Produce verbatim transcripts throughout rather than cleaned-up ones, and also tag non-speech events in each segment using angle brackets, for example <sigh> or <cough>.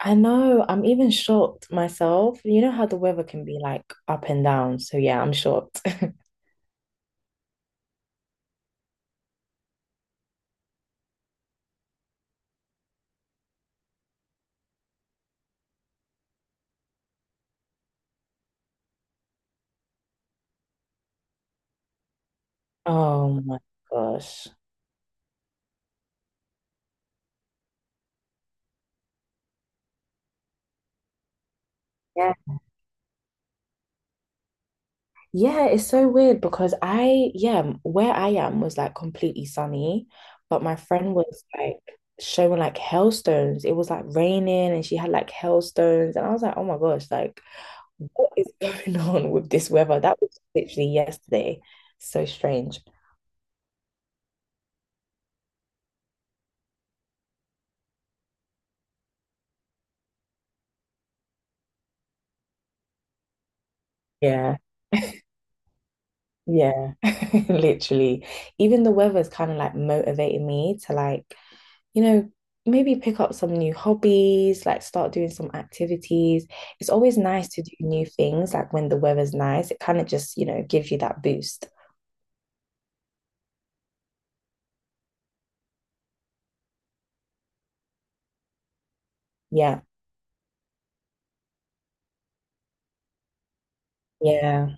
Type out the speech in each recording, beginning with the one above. I know, I'm even shocked myself. You know how the weather can be like up and down. So yeah, I'm shocked. <laughs> Oh my gosh. Yeah. Yeah, it's so weird because I, yeah, where I am was like completely sunny, but my friend was like showing like hailstones. It was like raining and she had like hailstones. And I was like, oh my gosh, like what is <laughs> going on with this weather? That was literally yesterday. So strange. Yeah. Yeah, <laughs> literally. Even the weather's kind of like motivating me to like, you know, maybe pick up some new hobbies, like start doing some activities. It's always nice to do new things, like when the weather's nice, it kind of just, you know, gives you that boost. Yeah. Yeah.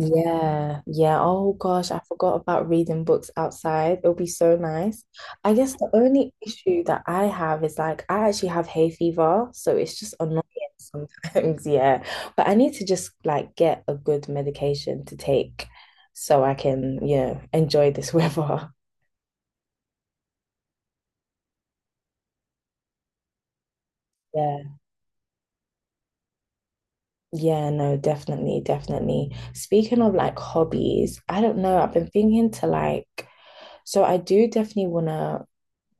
Yeah, yeah. Oh gosh, I forgot about reading books outside. It'll be so nice. I guess the only issue that I have is like I actually have hay fever, so it's just annoying sometimes. <laughs> Yeah, but I need to just like get a good medication to take so I can, you know, enjoy this <laughs> weather. Yeah. Yeah, no, definitely, definitely. Speaking of like hobbies, I don't know. I've been thinking to like, so I do definitely want to,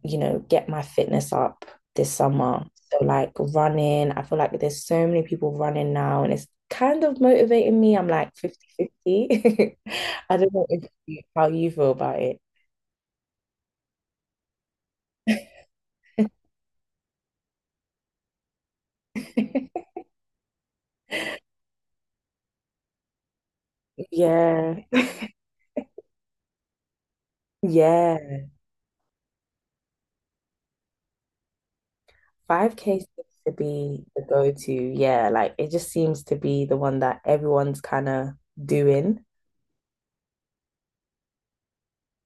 you know, get my fitness up this summer. So, like running, I feel like there's so many people running now, and it's kind of motivating me. I'm like fifty fifty. <laughs> I am like fifty fifty. <laughs> I do not know if you, how you feel about it. <laughs> Yeah, yeah. five K seems to be the go-to. Yeah, like it just seems to be the one that everyone's kind of doing.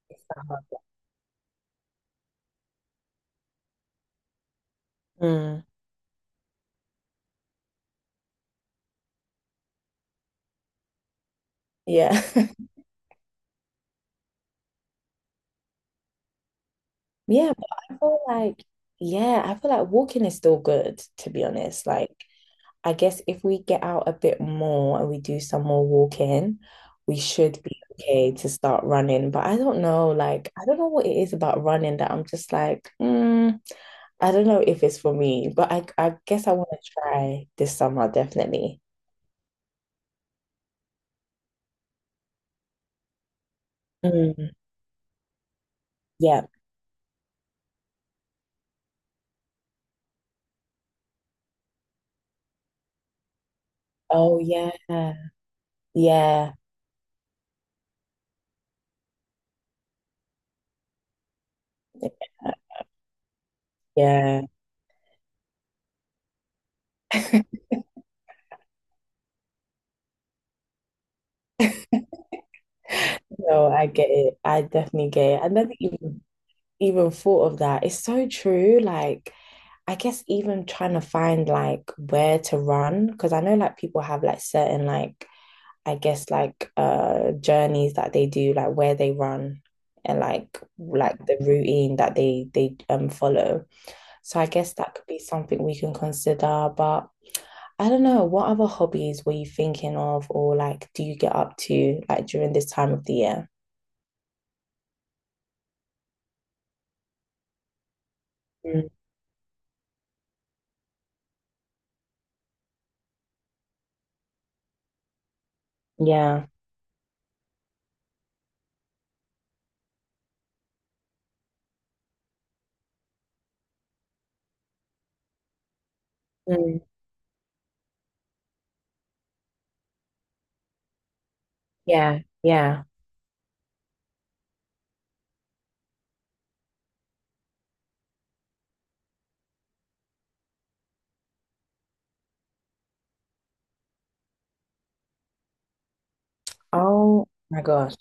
It's the hub. Mm, yeah. <laughs> Yeah, but I feel like, yeah, I feel like walking is still good, to be honest. Like, I guess if we get out a bit more and we do some more walking, we should be okay to start running. But I don't know, like, I don't know what it is about running that I'm just like, mm, I don't know if it's for me, but I, I guess I want to try this summer, definitely. Mm, yeah. Oh, yeah. Yeah. Yeah. No, I get it. I definitely get it. I never even even thought of that. It's so true. Like, I guess even trying to find like where to run, because I know like people have like certain like I guess like uh journeys that they do, like where they run and like like the routine that they they um follow. So I guess that could be something we can consider. But I don't know, what other hobbies were you thinking of or like do you get up to like during this time of the year? Mm, yeah. Mm, yeah. Yeah. Oh my gosh.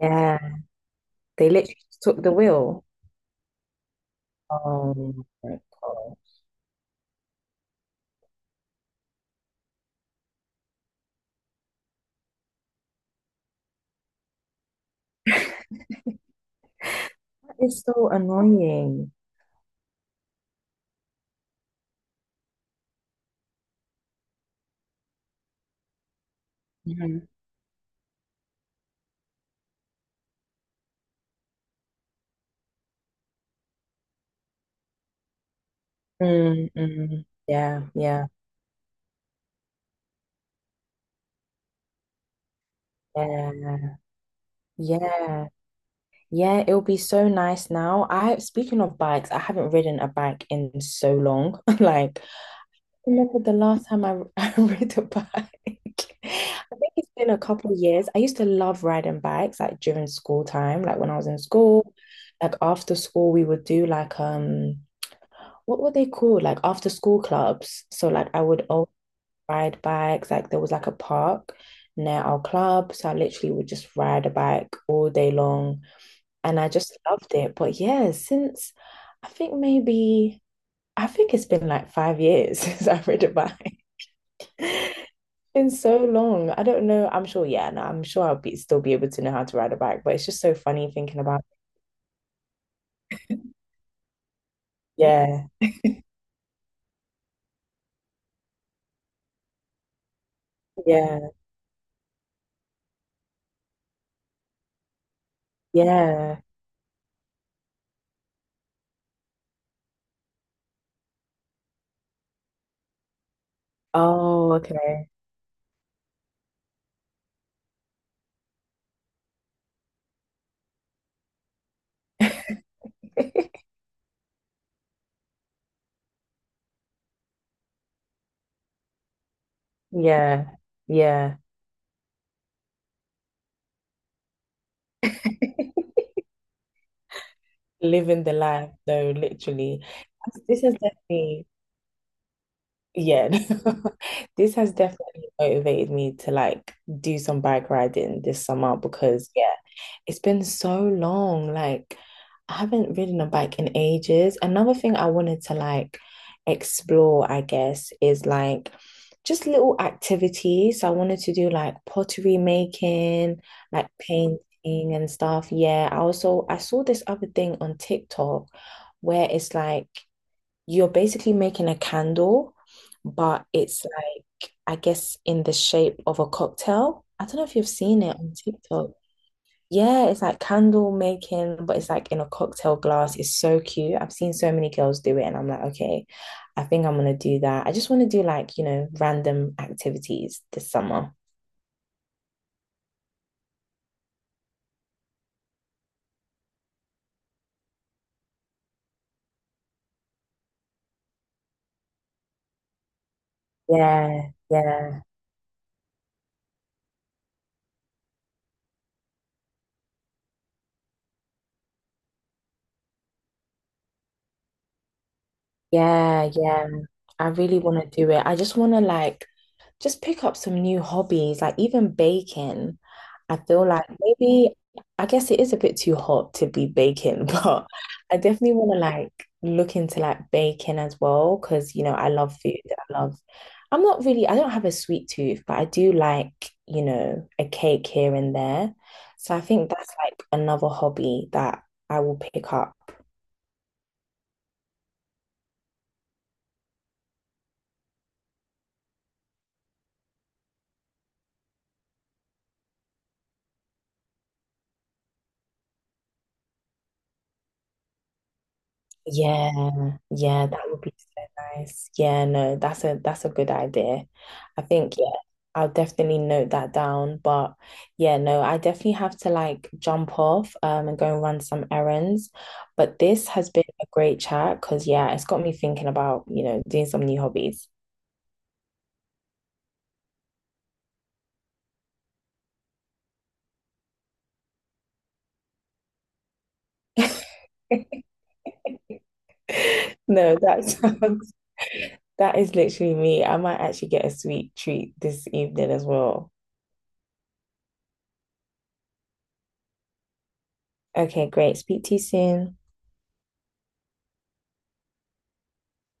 Yeah. They literally took the wheel. Oh my God. It's so annoying. Mhm. mm mm. Yeah, yeah, yeah, yeah, yeah. It'll be so nice now. I, speaking of bikes, I haven't ridden a bike in so long. <laughs> Like, remember the last time I, <laughs> I rode a bike. <laughs> I think it's been a couple of years. I used to love riding bikes like during school time, like when I was in school, like after school we would do like um what were they called? Like after school clubs. So like I would always ride bikes. Like there was like a park near our club. So I literally would just ride a bike all day long. And I just loved it. But yeah, since I think maybe I think it's been like five years <laughs> since I rode a bike. Been so long. I don't know. I'm sure, yeah, no, I'm sure I'll be still be able to know how to ride a bike, but it's just so funny thinking about it. Yeah, yeah, yeah. Oh, okay. <laughs> Yeah, yeah. <laughs> Living the life though, literally. This has definitely yeah, <laughs> this has definitely motivated me to like do some bike riding this summer because yeah, it's been so long. Like, I haven't ridden a bike in ages. Another thing I wanted to like explore, I guess, is like just little activities. So I wanted to do like pottery making, like painting and stuff. Yeah, I also I saw this other thing on TikTok where it's like you're basically making a candle, but it's like, I guess, in the shape of a cocktail. I don't know if you've seen it on TikTok. Yeah, it's like candle making, but it's like in a cocktail glass. It's so cute. I've seen so many girls do it, and I'm like, okay, I think I'm gonna do that. I just want to do like, you know, random activities this summer. Yeah, yeah, yeah, yeah. I really want to do it. I just want to like just pick up some new hobbies, like even baking. I feel like maybe, I guess it is a bit too hot to be baking, <laughs> but I definitely want to like look into like baking as well because, you know, I love food. I love, I'm not really, I don't have a sweet tooth, but I do like, you know, a cake here and there. So I think that's like another hobby that I will pick up. Yeah, yeah, that would be nice. Yeah, no, that's a that's a good idea. I think yeah, I'll definitely note that down. But yeah, no, I definitely have to like jump off um and go and run some errands. But this has been a great chat because yeah, it's got me thinking about, you know, doing some new hobbies. <laughs> No, that sounds, that is literally me. I might actually get a sweet treat this evening as well. Okay, great. Speak to you soon.